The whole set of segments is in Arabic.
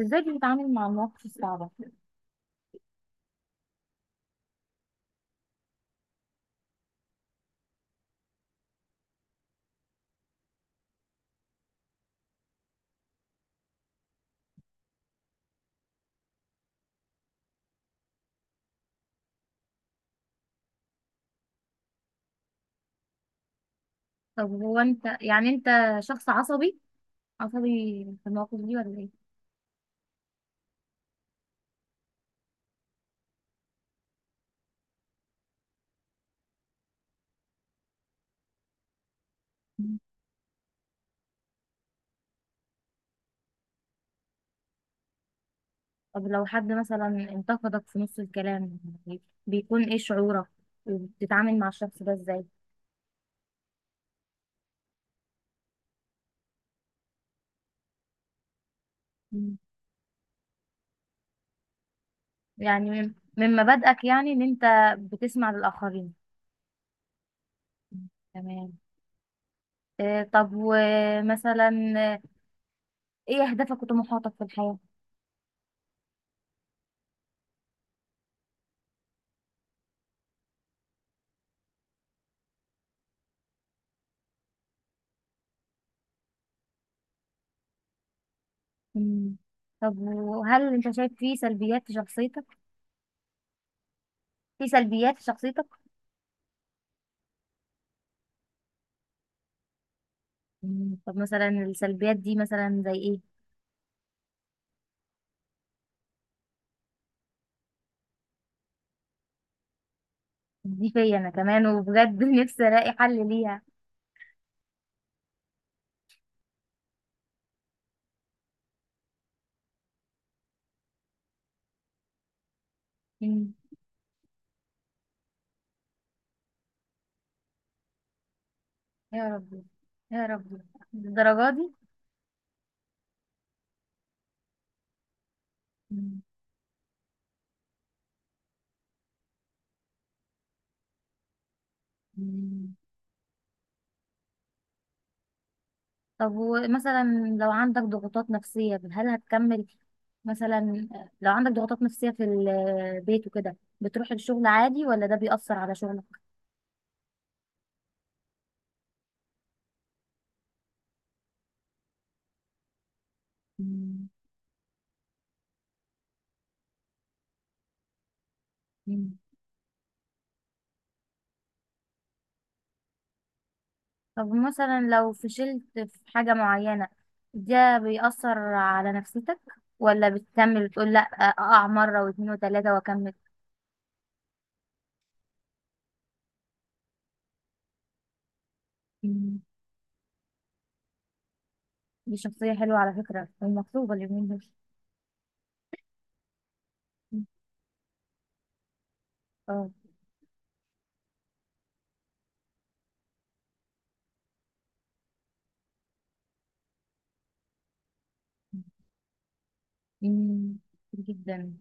ازاي بتتعامل مع المواقف الصعبة؟ طب هو انت يعني انت شخص عصبي، عصبي في المواقف دي ولا ايه؟ طب لو حد مثلا انتقدك في نص الكلام، بيكون ايه شعورك وبتتعامل مع الشخص ده ازاي؟ مم. يعني من مبادئك يعني ان انت بتسمع للآخرين؟ مم. تمام. طب ومثلا، آه، ايه اهدافك وطموحاتك في الحياة؟ مم. طب وهل انت شايف في سلبيات في شخصيتك؟ في سلبيات في شخصيتك؟ مم. طب مثلا السلبيات دي مثلا زي ايه؟ دي فيا انا كمان وبجد نفسي الاقي حل ليها. مم. يا ربي، يا ربي، للدرجه دي؟ مم. مم. طب ومثلا لو عندك ضغوطات نفسية هل هتكمل؟ مثلا لو عندك ضغوطات نفسية في البيت وكده بتروح الشغل عادي ولا ده بيأثر على شغلك؟ مم. طب مثلا لو فشلت في حاجة معينة، ده بيأثر على نفسيتك ولا بتكمل وتقول لا، أقع مرة واتنين وتلاتة وأكمل؟ مم. دي شخصية حلوة على فكرة ومطلوبة اليومين دول. مم. اه. مم. جدا.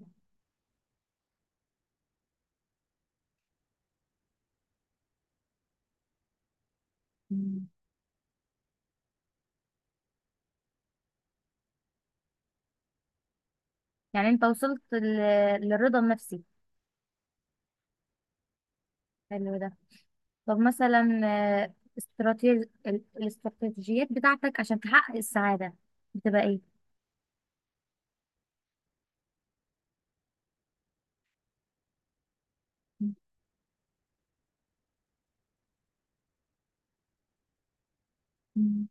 مم. يعني انت وصلت لل- للرضا النفسي؟ حلو ده. طب مثلا، الاستراتيجيات بتاعتك عشان تحقق السعادة بتبقى ايه؟ مم.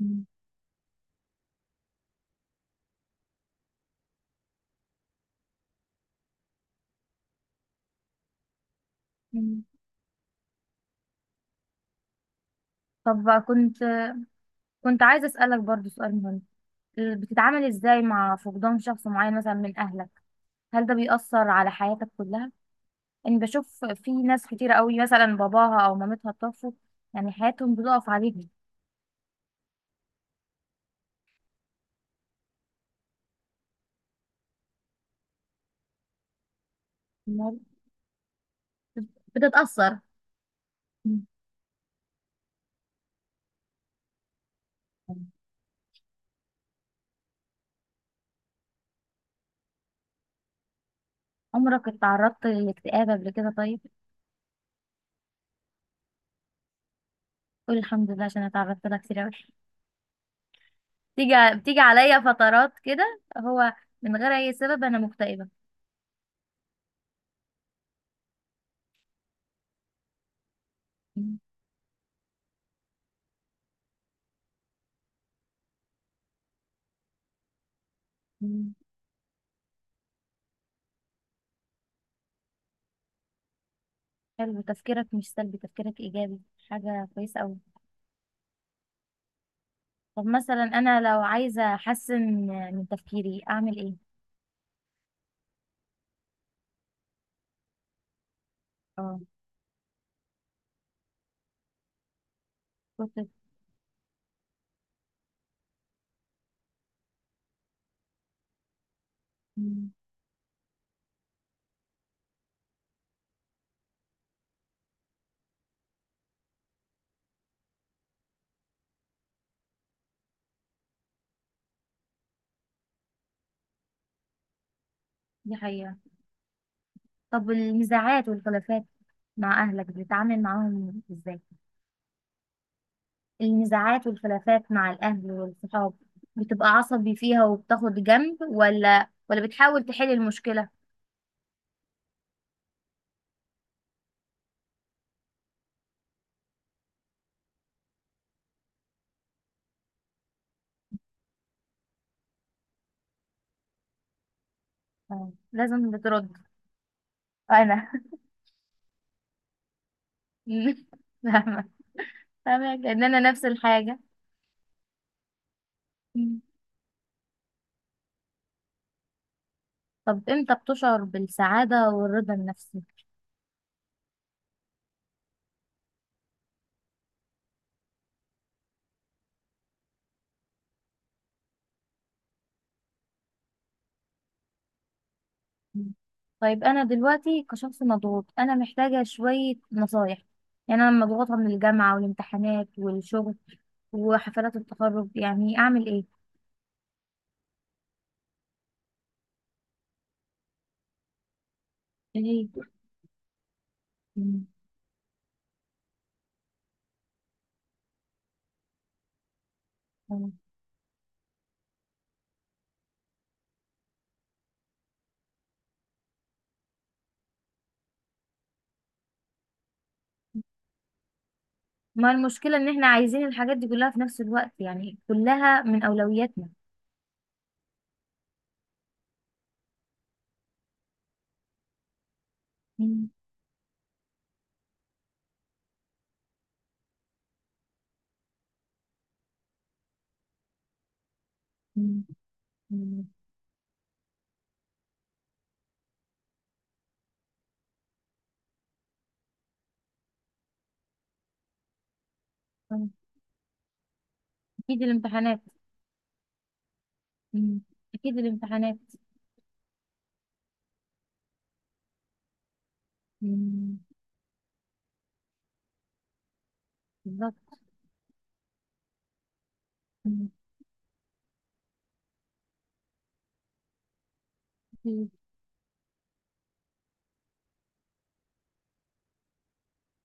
مم. مم. طب كنت عايزة أسألك برضو سؤال مهم. ال- بتتعامل ازاي مع فقدان شخص معين مثلا من أهلك؟ هل ده بيأثر على حياتك كلها؟ أنا بشوف في ناس كتير قوي مثلا باباها أو مامتها توفوا، يعني حياتهم بتقف عليهم. بتتأثر. مم. عمرك اتعرضت للاكتئاب قبل كده طيب؟ قول الحمد لله عشان أنا اتعرضت لها كتير قوي. بتيجي بتيجي عليا فترات كده هو، من غير أي سبب أنا مكتئبة. مم. حلو، تفكيرك مش سلبي، تفكيرك إيجابي، حاجة كويسة أوي. طب مثلا انا لو عايزه احسن من تفكيري اعمل ايه؟ اه. كتب. مم، دي حقيقه. طب النزاعات والخلافات مع اهلك بتتعامل معاهم ازاي؟ النزاعات والخلافات مع الاهل والصحاب، بتبقى عصبي فيها وبتاخد جنب ولا بتحاول تحل المشكله؟ اه، لازم بترد. انا فاهمه، فاهمه لان انا نفس الحاجه. مم. طب امتى بتشعر بالسعاده والرضا النفسي؟ طيب انا دلوقتي كشخص مضغوط انا محتاجه شويه نصايح. يعني انا مضغوطه من الجامعه والامتحانات والشغل وحفلات التخرج، يعني اعمل ايه؟ ايه؟ مم. مم. ما المشكله ان احنا عايزين الحاجات دي كلها في نفس الوقت، يعني كلها من اولوياتنا. مم. مم. مم. مم. اكيد الامتحانات. مم. اكيد الامتحانات. مم. بالظبط. مم.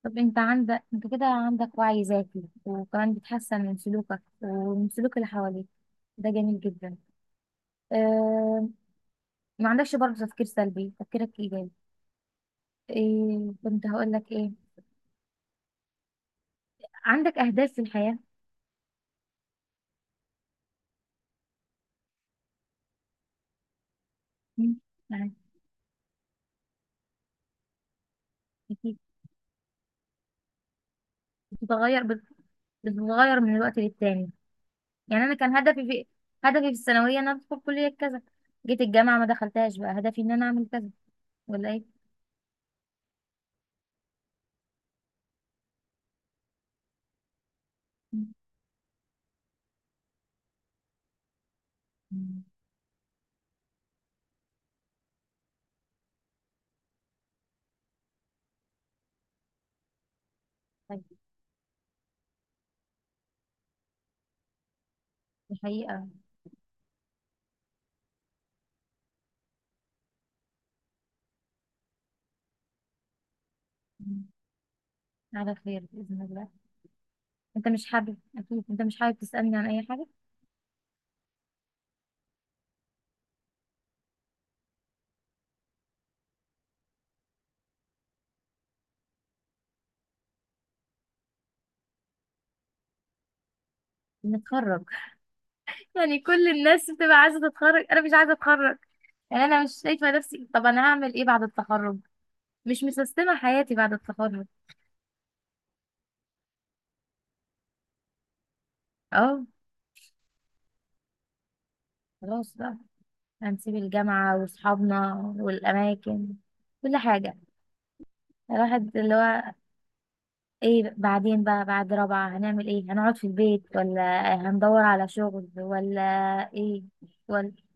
طب انت عندك، انت كده عندك وعي ذاتي وكمان بتحسن من سلوكك ومن سلوك اللي حواليك، ده جميل جدا. اه. ما عندكش برضه تفكير سلبي، تفكيرك ايجابي. ايه كنت هقول لك؟ ايه، عندك اهداف في الحياة؟ مم، يعني أكيد. بتتغير، بتتغير من الوقت للتاني؟ يعني انا كان هدفي في الثانوية ان انا ادخل كلية كذا، جيت الجامعة ما دخلتهاش بقى هدفي ان انا اعمل كذا، ولا ايه؟ مم. طيب. دي حقيقة. مم. على خير بإذن الله. انت مش حابب، اكيد انت مش حابب تسألني عن اي حاجة؟ نتخرج. يعني كل الناس بتبقى عايزة تتخرج، انا مش عايزة اتخرج. يعني انا مش شايفة نفسي، طب انا هعمل ايه بعد التخرج؟ مش مسستمة حياتي بعد التخرج. اه. خلاص بقى، هنسيب الجامعة واصحابنا والاماكن، كل حاجة. الواحد اللي هو، ايه بعدين بقى بعد رابعة؟ هنعمل ايه؟ هنقعد في البيت ولا هندور على شغل ولا ايه، ولا